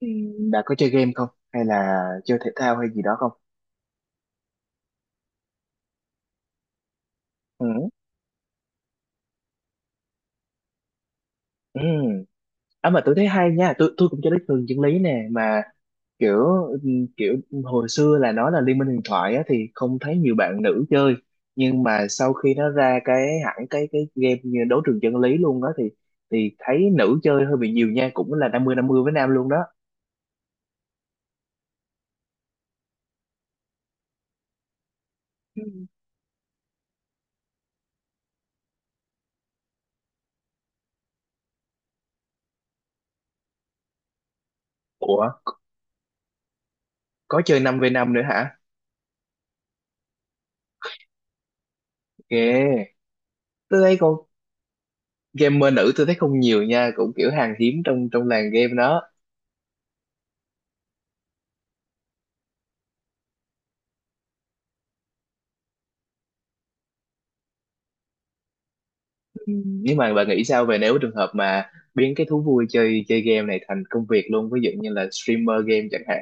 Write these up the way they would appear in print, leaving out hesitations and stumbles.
Ừ. Bà có chơi game không? Hay là chơi thể thao hay gì đó không? Ừ. Ừ. À mà tôi thấy hay nha, tôi cũng chơi đích thường chân lý nè, mà kiểu ừ, kiểu hồi xưa là nó là Liên minh huyền thoại á, thì không thấy nhiều bạn nữ chơi, nhưng mà sau khi nó ra cái hẳn cái game như đấu trường chân lý luôn đó thì thấy nữ chơi hơi bị nhiều nha, cũng là 50-50 với nam luôn đó. Ừ. Ủa, có chơi 5v5 nữa hả? Ghê. Tôi thấy con gamer nữ tôi thấy không nhiều nha, cũng kiểu hàng hiếm trong trong làng game đó. Ừ, nếu mà bạn nghĩ sao về nếu trường hợp mà biến cái thú vui chơi chơi game này thành công việc luôn, ví dụ như là streamer game chẳng hạn.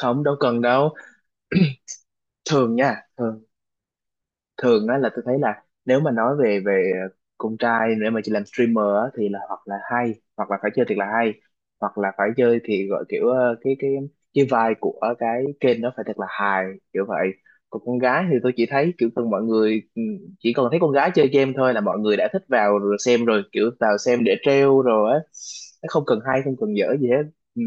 Không đâu, cần đâu. Thường nha, thường thường á, là tôi thấy là nếu mà nói về về con trai để mà chị làm streamer á, thì là hoặc là hay, hoặc là phải chơi thiệt là hay, hoặc là phải chơi thì gọi kiểu, cái cái vibe của cái kênh nó phải thật là hài, kiểu vậy. Còn con gái thì tôi chỉ thấy kiểu thường mọi người, chỉ cần thấy con gái chơi game thôi là mọi người đã thích, vào rồi xem rồi, kiểu vào xem để trêu rồi á, nó không cần hay không cần dở gì hết. Ừ.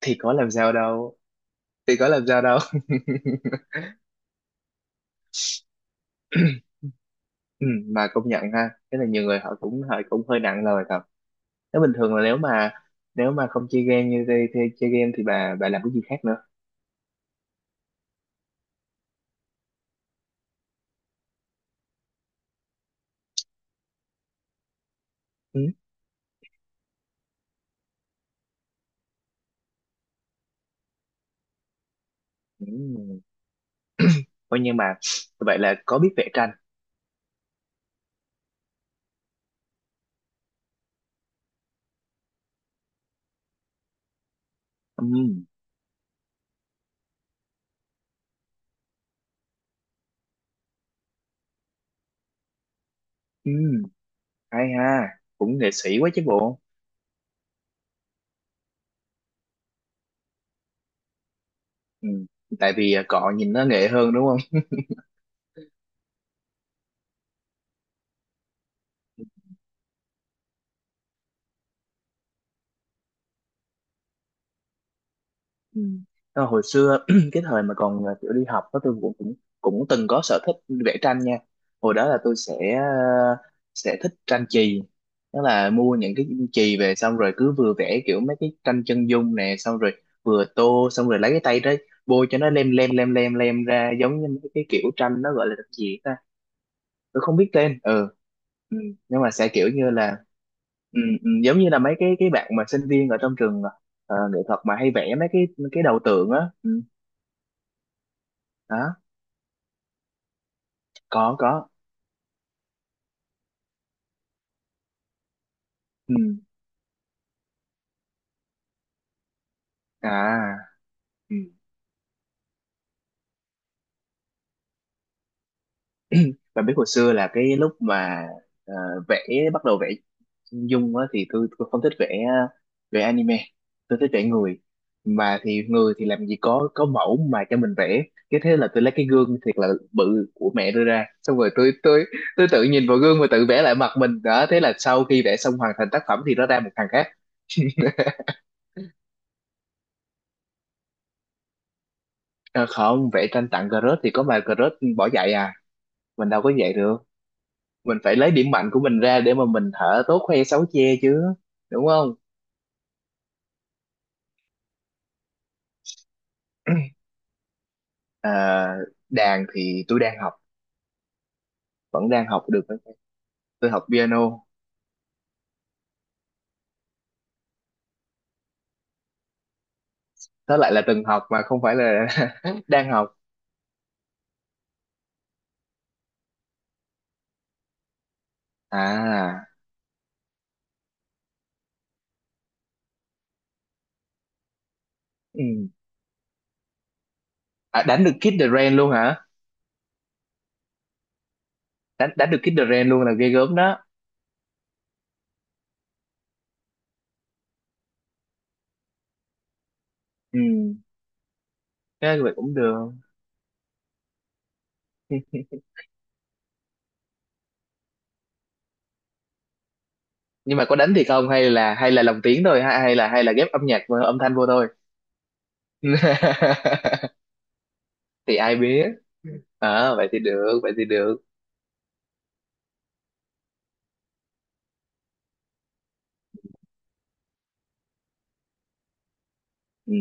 Thì có làm sao đâu. Thì có làm sao đâu. Ừ, mà công nhận ha, cái là nhiều người họ cũng hơi nặng lời thật. Nếu bình thường là nếu mà không chơi game như thế, thế chơi game thì bà làm cái gì khác nữa. Ừ. Ừ. Coi như mà vậy là có biết vẽ tranh. Ừ. Ừ. Hay ha, cũng nghệ sĩ quá chứ bộ. Ừ. Tại vì cọ nhìn nó nghệ hơn đúng không? Ừ. Ờ, hồi xưa cái thời mà còn kiểu đi học đó, tôi cũng cũng cũng từng có sở thích vẽ tranh nha. Hồi đó là tôi sẽ thích tranh chì, đó là mua những cái chì về, xong rồi cứ vừa vẽ kiểu mấy cái tranh chân dung nè, xong rồi vừa tô, xong rồi lấy cái tay đấy bôi cho nó lem lem lem lem lem ra, giống như mấy cái kiểu tranh, nó gọi là cái gì ta, tôi không biết tên. Ừ. Ừ, nhưng mà sẽ kiểu như là, giống như là mấy cái bạn mà sinh viên ở trong trường nghệ thuật mà hay vẽ mấy cái đầu tượng á, ừ, đó. Có, có. Ừ. À. Ừ. Bạn biết hồi xưa là cái lúc mà, ờ, vẽ bắt đầu vẽ dung á, thì tôi không thích vẽ vẽ anime, tôi thích vẽ người. Mà thì người thì làm gì có mẫu mà cho mình vẽ, cái thế là tôi lấy cái gương thiệt là bự của mẹ đưa ra, xong rồi tôi tự nhìn vào gương và tự vẽ lại mặt mình đó. Thế là sau khi vẽ xong hoàn thành tác phẩm thì nó ra một thằng khác. Ờ, không, vẽ tranh tặng Garrot thì có mà Garrot bỏ dạy à, mình đâu có dạy được, mình phải lấy điểm mạnh của mình ra để mà mình hở, tốt khoe sáu che chứ đúng không? à, đàn thì tôi đang học, vẫn đang học được, tôi học piano. Đó lại là từng học mà không phải là đang học. À, ừ. À, đánh được Kid the Rain luôn hả? Đánh đánh được Kid the Rain luôn là ghê gớm đó. Ừ. Thế vậy cũng được. Nhưng mà có đánh thì không, hay là lồng tiếng thôi, hay hay là ghép âm nhạc và âm thanh vô thôi. Thì ai biết. Vậy thì được, vậy thì được. Ừ.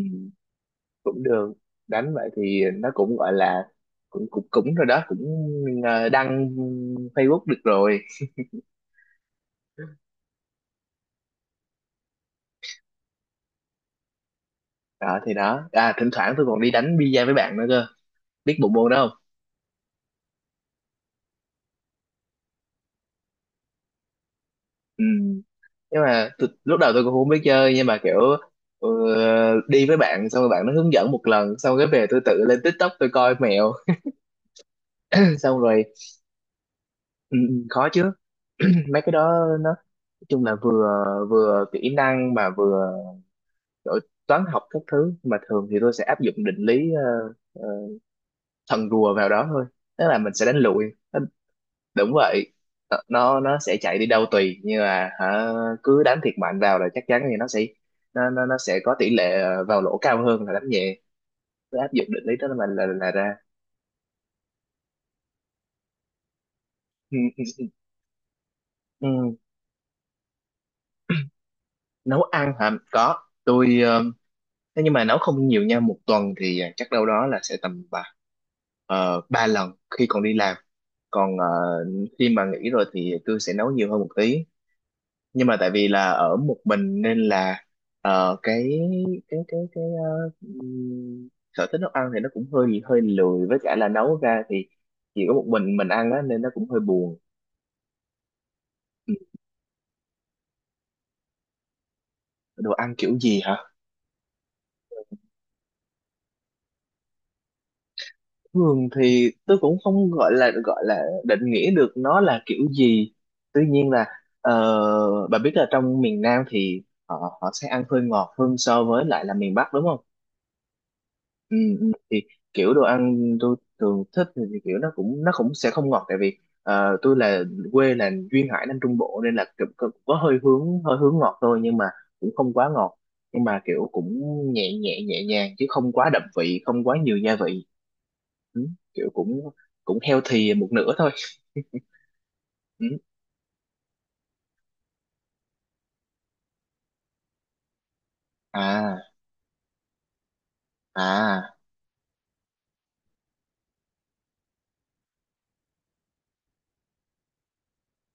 Cũng được, đánh vậy thì nó cũng gọi là, cũng cũng cũng rồi đó, cũng, đăng Facebook được rồi. Đó thì đó, à, thỉnh thoảng tôi còn đi đánh bi-a với bạn nữa cơ, biết bộ môn đó không? Ừ. Nhưng mà lúc đầu tôi cũng không biết chơi, nhưng mà kiểu ờ, đi với bạn xong rồi bạn nó hướng dẫn một lần, xong cái về tôi tự lên TikTok tôi coi mẹo. Xong rồi ừ, khó chứ. Mấy cái đó nó nói chung là vừa vừa kỹ năng, mà vừa kiểu toán học các thứ, mà thường thì tôi sẽ áp dụng định lý thần rùa vào đó thôi, tức là mình sẽ đánh lụi. Nó- Đúng vậy. Ờ, nó sẽ chạy đi đâu tùy, nhưng mà hả, cứ đánh thiệt mạnh vào là chắc chắn thì nó sẽ có tỷ lệ vào lỗ cao hơn là đánh nhẹ. Cứ áp dụng định lý đó mà là ra. Ừ, ừ, ừ. Nấu ăn hả? Có, tôi, thế nhưng mà nấu không nhiều nha, một tuần thì chắc đâu đó là sẽ tầm ba lần khi còn đi làm. Còn khi mà nghỉ rồi thì tôi sẽ nấu nhiều hơn một tí, nhưng mà tại vì là ở một mình nên là ờ, cái cái sở thích nấu ăn thì nó cũng hơi hơi lười, với cả là nấu ra thì chỉ có một mình ăn á, nên nó cũng hơi buồn. Ừ, đồ ăn kiểu gì hả? Thường thì tôi cũng không gọi là định nghĩa được nó là kiểu gì, tuy nhiên là, bà biết là trong miền Nam thì họ họ sẽ ăn hơi ngọt hơn so với lại là miền Bắc đúng không? Ừ, ừ. Thì kiểu đồ ăn tôi thường thích thì kiểu nó cũng sẽ không ngọt, tại vì tôi là, quê là duyên hải Nam Trung Bộ, nên là cũng cũng có hơi hướng ngọt thôi, nhưng mà cũng không quá ngọt, nhưng mà kiểu cũng nhẹ nhẹ nhẹ nhàng, chứ không quá đậm vị, không quá nhiều gia vị. Ừ, kiểu cũng cũng healthy một nửa thôi. Ừ. à à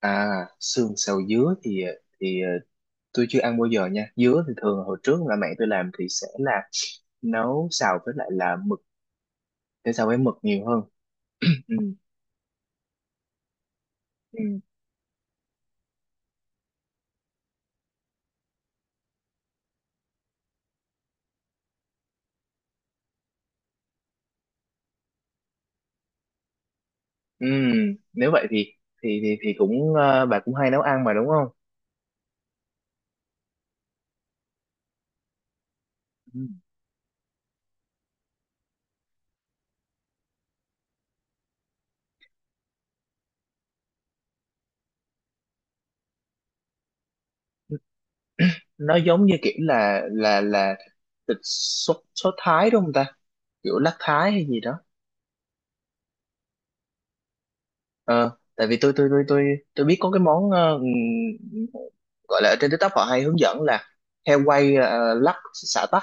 à, xương xào dứa thì tôi chưa ăn bao giờ nha. Dứa thì thường hồi trước là mẹ tôi làm thì sẽ là nấu xào với lại là mực, thế sao với mực nhiều hơn. Ừ. Ừ. Ừ. Nếu vậy thì thì cũng, bà cũng hay nấu ăn mà đúng không? Ừ. Nó giống như kiểu là thịt sốt sốt Thái đúng không ta, kiểu lát Thái hay gì đó. Ờ, tại vì tôi biết có cái món gọi là ở trên TikTok họ hay hướng dẫn là heo quay, lắc xả tắc.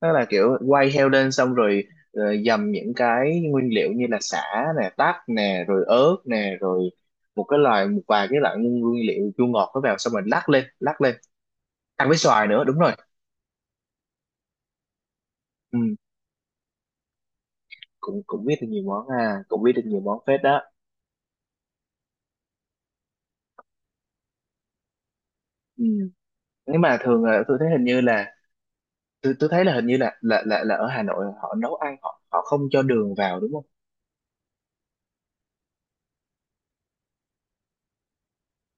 Đó là kiểu quay heo lên, xong rồi dầm những cái nguyên liệu như là sả nè, tắc nè, rồi ớt nè, rồi một vài cái loại nguyên nguyên liệu chua ngọt nó vào, xong rồi lắc lên lắc lên, ăn với xoài nữa, đúng rồi. Ừ, cũng cũng biết được nhiều món, à cũng biết được nhiều món phết đó. Ừ. Nhưng mà thường là tôi thấy hình như là, tôi thấy là hình như là ở Hà Nội họ nấu ăn, họ họ không cho đường vào đúng không?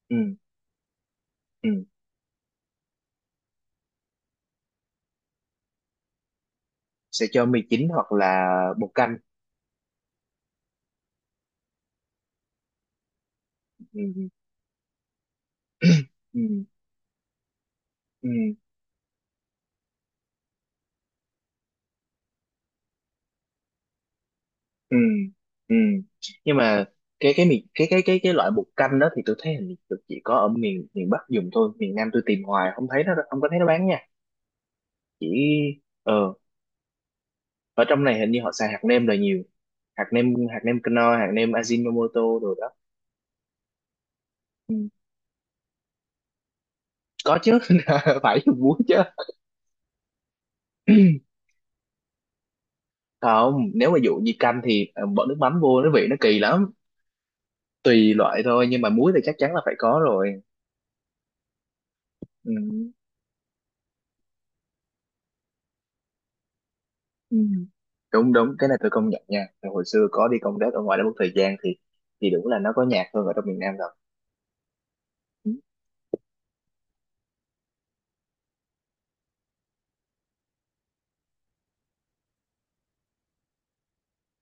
Ừ, ừ. Sẽ cho mì chính, hoặc là bột canh. Ừ, ừ, ừ. Ừ. Ừ ừ. Nhưng mà cái mì cái loại bột canh đó thì tôi thấy hình như được chỉ có ở miền miền Bắc dùng thôi, miền Nam tôi tìm hoài không thấy, nó không có thấy nó bán nha. Chỉ ờ ở trong này hình như họ xài hạt nêm là nhiều. Hạt nêm Knorr, hạt nêm Ajinomoto rồi đó. Có chứ phải dùng muối chứ. Không, nếu mà dụ như canh thì bỏ nước mắm vô nó vị nó kỳ lắm, tùy loại thôi, nhưng mà muối thì chắc chắn là phải có rồi. Ừ. Ừ. Đúng đúng, cái này tôi công nhận nha. Rồi hồi xưa có đi công tác ở ngoài đó một thời gian thì đúng là nó có nhạc hơn ở trong miền Nam rồi.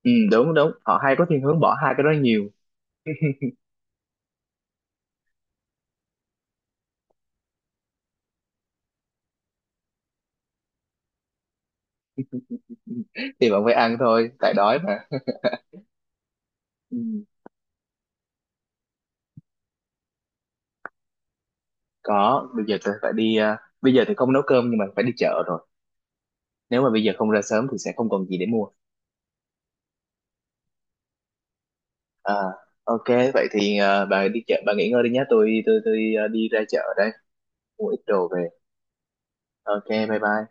Ừ, đúng đúng, họ hay có thiên hướng bỏ hai cái đó nhiều. Thì bạn phải ăn thôi tại đói mà. Ừ. Có, bây giờ tôi phải đi, bây giờ thì không nấu cơm nhưng mà phải đi chợ rồi. Nếu mà bây giờ không ra sớm thì sẽ không còn gì để mua. à, ok, vậy thì, bà đi chợ bà nghỉ ngơi đi nhé, tôi đi ra chợ đây, mua ít đồ về. Ok, bye bye.